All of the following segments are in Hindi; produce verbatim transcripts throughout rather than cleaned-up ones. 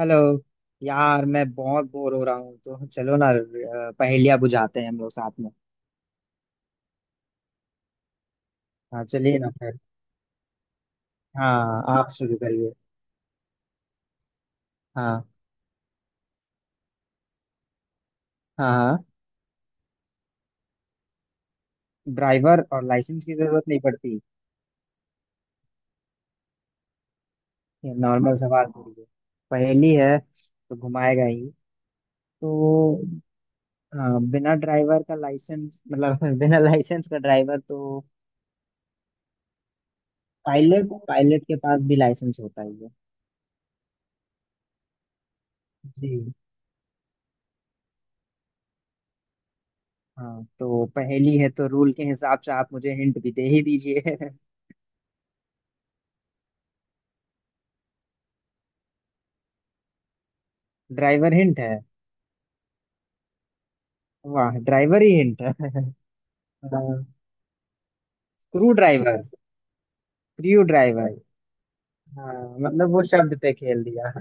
हेलो। यार मैं बहुत बोर हो रहा हूँ तो चलो ना अ, पहेलियाँ बुझाते हैं हम लोग साथ में। हाँ, चलिए ना फिर। हाँ, आप शुरू करिए। हाँ हाँ हाँ। ड्राइवर और लाइसेंस की जरूरत नहीं पड़ती। ये नॉर्मल सवाल करिए। पहेली है तो घुमाएगा ही। तो अ, बिना ड्राइवर का लाइसेंस मतलब बिना लाइसेंस का ड्राइवर तो पायलट। पायलट के पास भी लाइसेंस होता ही है। जी। हाँ, तो पहेली है तो रूल के हिसाब से आप मुझे हिंट भी दे ही दीजिए। ड्राइवर हिंट है। वाह, ड्राइवर ही हिंट है। Screw driver. Screwdriver. हाँ, मतलब वो शब्द पे खेल दिया।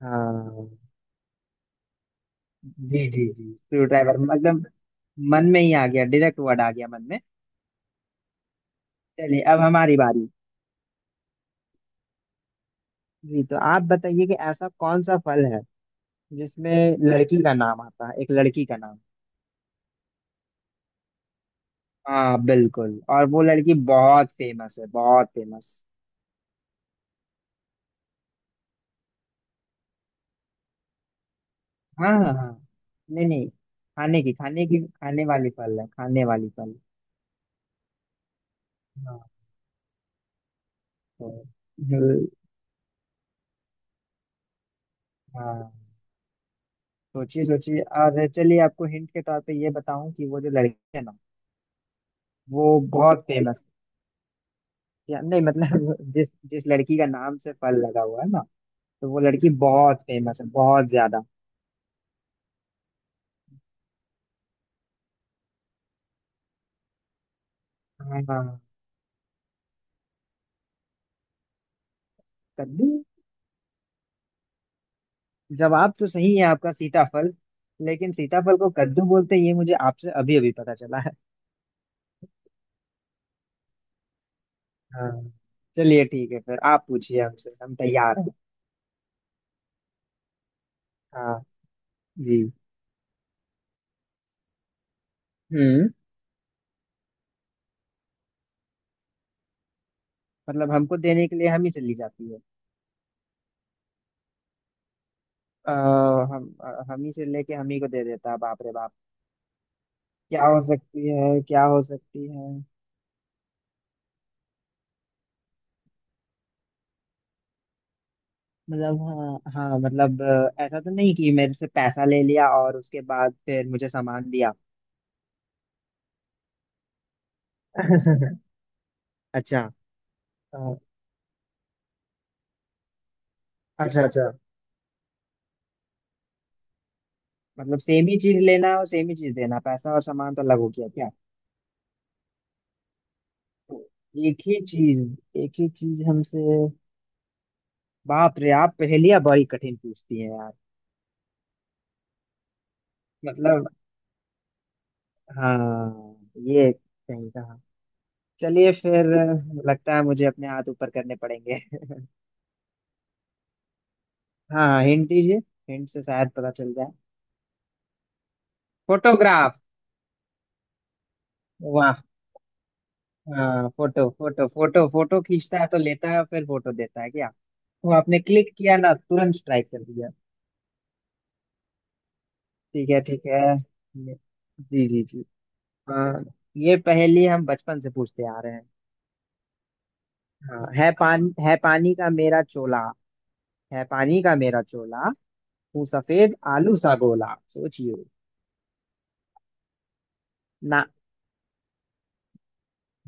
हाँ जी जी जी, स्क्रू ड्राइवर मतलब मन में ही आ गया, डायरेक्ट वर्ड आ गया मन में। चलिए, अब हमारी बारी। जी, तो आप बताइए कि ऐसा कौन सा फल है जिसमें लड़की का नाम आता है, एक लड़की का नाम। हाँ बिल्कुल, और वो लड़की बहुत फेमस है, बहुत फेमस। हाँ हाँ हाँ। नहीं नहीं, खाने की, खाने की, खाने वाली फल है, खाने वाली फल। हाँ, तो जो हाँ, सोचिए सोचिए, और चलिए आपको हिंट के तौर पे ये बताऊं कि वो जो लड़की है ना, वो बहुत फेमस या नहीं, मतलब जिस जिस लड़की का नाम से फल लगा हुआ है ना, तो वो लड़की बहुत फेमस है, बहुत ज्यादा। हाँ, कद्दू। जवाब तो सही है आपका, सीताफल। लेकिन सीताफल को कद्दू बोलते हैं, ये मुझे आपसे अभी अभी पता चला है। हाँ। चलिए, ठीक है फिर आप पूछिए हमसे, हम तैयार हैं। हाँ। जी। हम्म। मतलब हमको देने के लिए हम ही चली जाती है। अ, हम अ, हम ही से लेके हम ही को दे देता है, बाप रे बाप। क्या हो सकती है, क्या हो सकती है। मतलब हाँ हाँ, मतलब अ, ऐसा तो नहीं कि मेरे से पैसा ले लिया और उसके बाद फिर मुझे सामान दिया। अच्छा। अ, अच्छा अच्छा, मतलब सेम ही चीज लेना और सेम ही चीज देना, पैसा और सामान तो अलग हो गया क्या। एक ही चीज। एक ही चीज हमसे। बाप रे, आप पहेलियां बड़ी कठिन पूछती हैं यार। मतलब, हाँ, ये कहीं का। चलिए फिर। लगता है मुझे अपने हाथ ऊपर करने पड़ेंगे। हाँ, हिंट दीजिए। हिंट से शायद पता चल जाए। फोटोग्राफ। वाह। हाँ, फोटो फोटो फोटो फोटो खींचता है तो लेता है फिर फोटो देता है क्या। वो आपने क्लिक किया ना, तुरंत स्ट्राइक कर दिया। ठीक है, ठीक है। ये- जी जी जी। हाँ, ये पहेली हम बचपन से पूछते आ रहे हैं। हाँ, है पान है पानी का मेरा चोला। है पानी का मेरा चोला। हूँ सफेद आलू सा गोला, सोचिए। ना।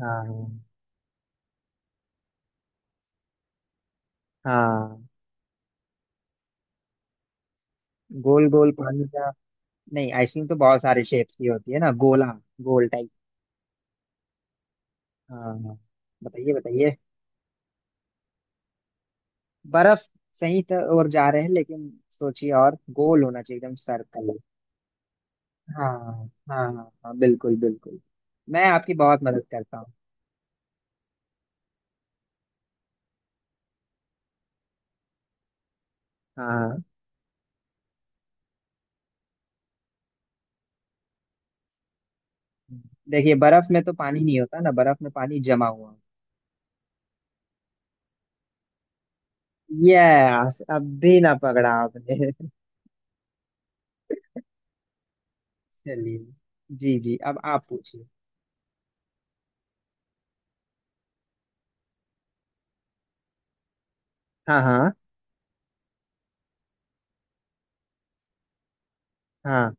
हाँ हाँ। गोल गोल पानी का। नहीं, आइसक्रीम तो बहुत सारे शेप्स की होती है ना। गोला, गोल टाइप। हाँ हाँ, बताइए बताइए। बर्फ। सही तो और जा रहे हैं, लेकिन सोचिए और गोल होना चाहिए, एकदम सर्कल। हाँ हाँ हाँ हाँ, बिल्कुल बिल्कुल। मैं आपकी बहुत मदद करता हूँ। हाँ। देखिए, बर्फ में तो पानी नहीं होता ना, बर्फ में पानी जमा हुआ होता है। यस, अब भी ना पकड़ा आपने। चलिए। जी जी, अब आप पूछिए। हाँ हाँ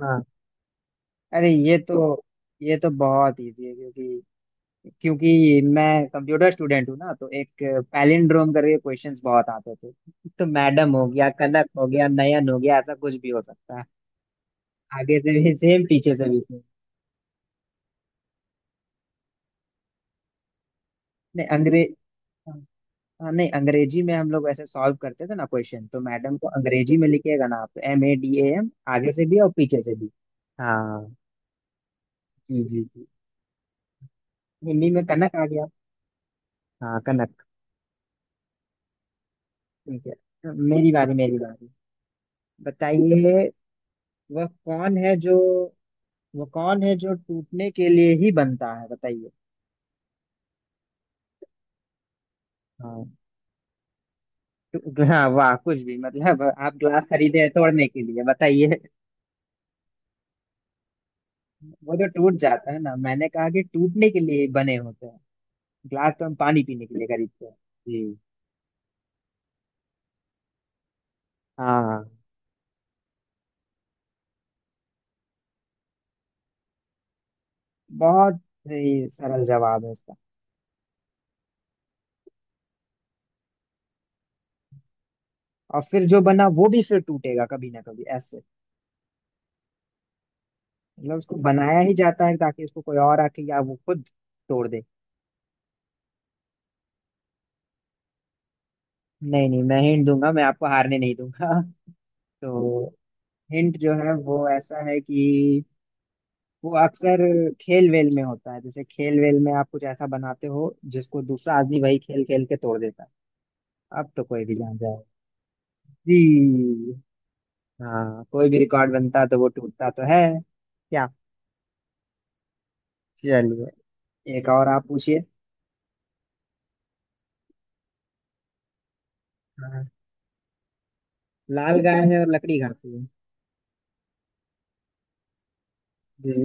हाँ। अरे, ये तो ये तो बहुत इजी है, क्योंकि क्योंकि मैं कंप्यूटर स्टूडेंट हूँ ना, तो एक पैलिंड्रोम करके क्वेश्चंस बहुत आते थे। तो मैडम हो गया, कनक हो गया, नयन हो गया, ऐसा कुछ भी हो सकता है। आगे से भी सेम, पीछे से भी सेम। नहीं, अंग्रेज हाँ, नहीं, अंग्रेजी में हम लोग ऐसे सॉल्व करते थे ना क्वेश्चन, तो मैडम को अंग्रेजी में लिखिएगा ना आप, तो M A D A M, आगे से भी और पीछे से भी। हाँ जी जी जी। हिंदी में कनक आ गया। हाँ, कनक। ठीक है, मेरी बारी मेरी बारी। बताइए। वह कौन है जो वह कौन है जो टूटने के लिए ही बनता है, बताइए। हाँ। टू- हाँ, वाह, कुछ भी मतलब आप ग्लास खरीदे हैं तोड़ने के लिए, बताइए। वो तो टूट जाता है ना, मैंने कहा कि टूटने के लिए बने होते हैं। ग्लास तो हम पानी पीने के लिए खरीदते हैं। जी। हाँ, बहुत ही सरल जवाब है इसका। और फिर जो बना वो भी फिर टूटेगा कभी ना कभी, ऐसे। मतलब उसको बनाया ही जाता है ताकि उसको कोई और आके या वो खुद तोड़ दे। नहीं नहीं, मैं हिंट दूंगा, मैं आपको हारने नहीं दूंगा। तो हिंट जो है वो ऐसा है कि वो अक्सर खेल वेल में होता है, जैसे खेल वेल में आप कुछ ऐसा बनाते हो जिसको दूसरा आदमी वही खेल खेल के तोड़ देता है। अब तो कोई भी जान जाए। जी। हाँ, कोई भी रिकॉर्ड बनता तो वो टूटता तो है। क्या। चलिए, एक और आप पूछिए। हाँ। लाल गाय है और लकड़ी घर पे है। जी।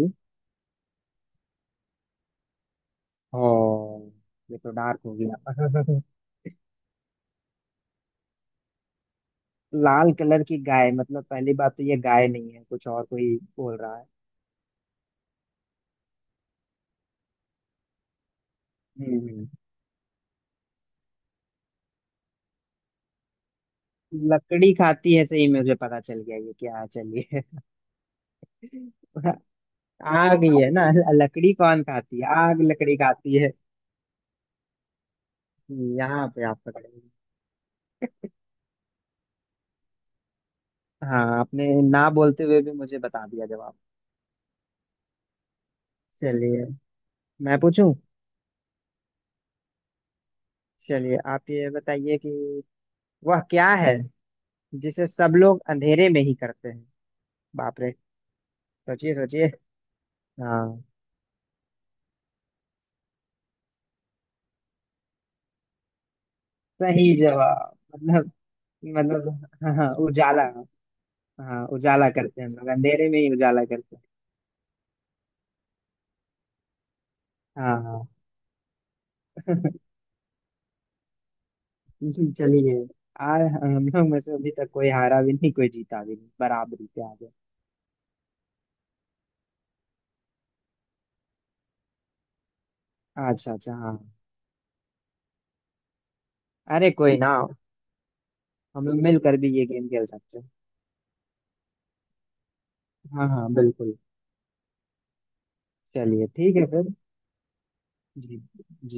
ओ, ये तो डार्क हो गया। लाल कलर की गाय, मतलब पहली बात तो ये गाय नहीं है, कुछ और कोई बोल रहा है। हम्म। लकड़ी खाती है, सही में मुझे पता चल गया ये क्या है, चलिए। आग ही है ना। लकड़ी कौन खाती है? आग लकड़ी खाती है। यहाँ पे आप पकड़े। हाँ, आपने ना बोलते हुए भी मुझे बता दिया जवाब। चलिए, मैं पूछूं। चलिए, आप ये बताइए कि वह क्या है जिसे सब लोग अंधेरे में ही करते हैं। बाप रे। सोचिए सोचिए। हाँ। सही जवाब, मतलब। मतलब हाँ हाँ, उजाला। हाँ, उजाला करते हैं, हम लोग अंधेरे में ही उजाला करते हैं। हाँ हाँ। जी, चलिए। आ हम लोग में से अभी तक कोई हारा भी नहीं, कोई जीता भी नहीं, बराबरी पे आ गए। अच्छा अच्छा हाँ। अरे कोई ना। हम लोग मिलकर भी ये गेम खेल सकते हैं। हाँ हाँ, बिल्कुल। चलिए, ठीक है फिर। जी।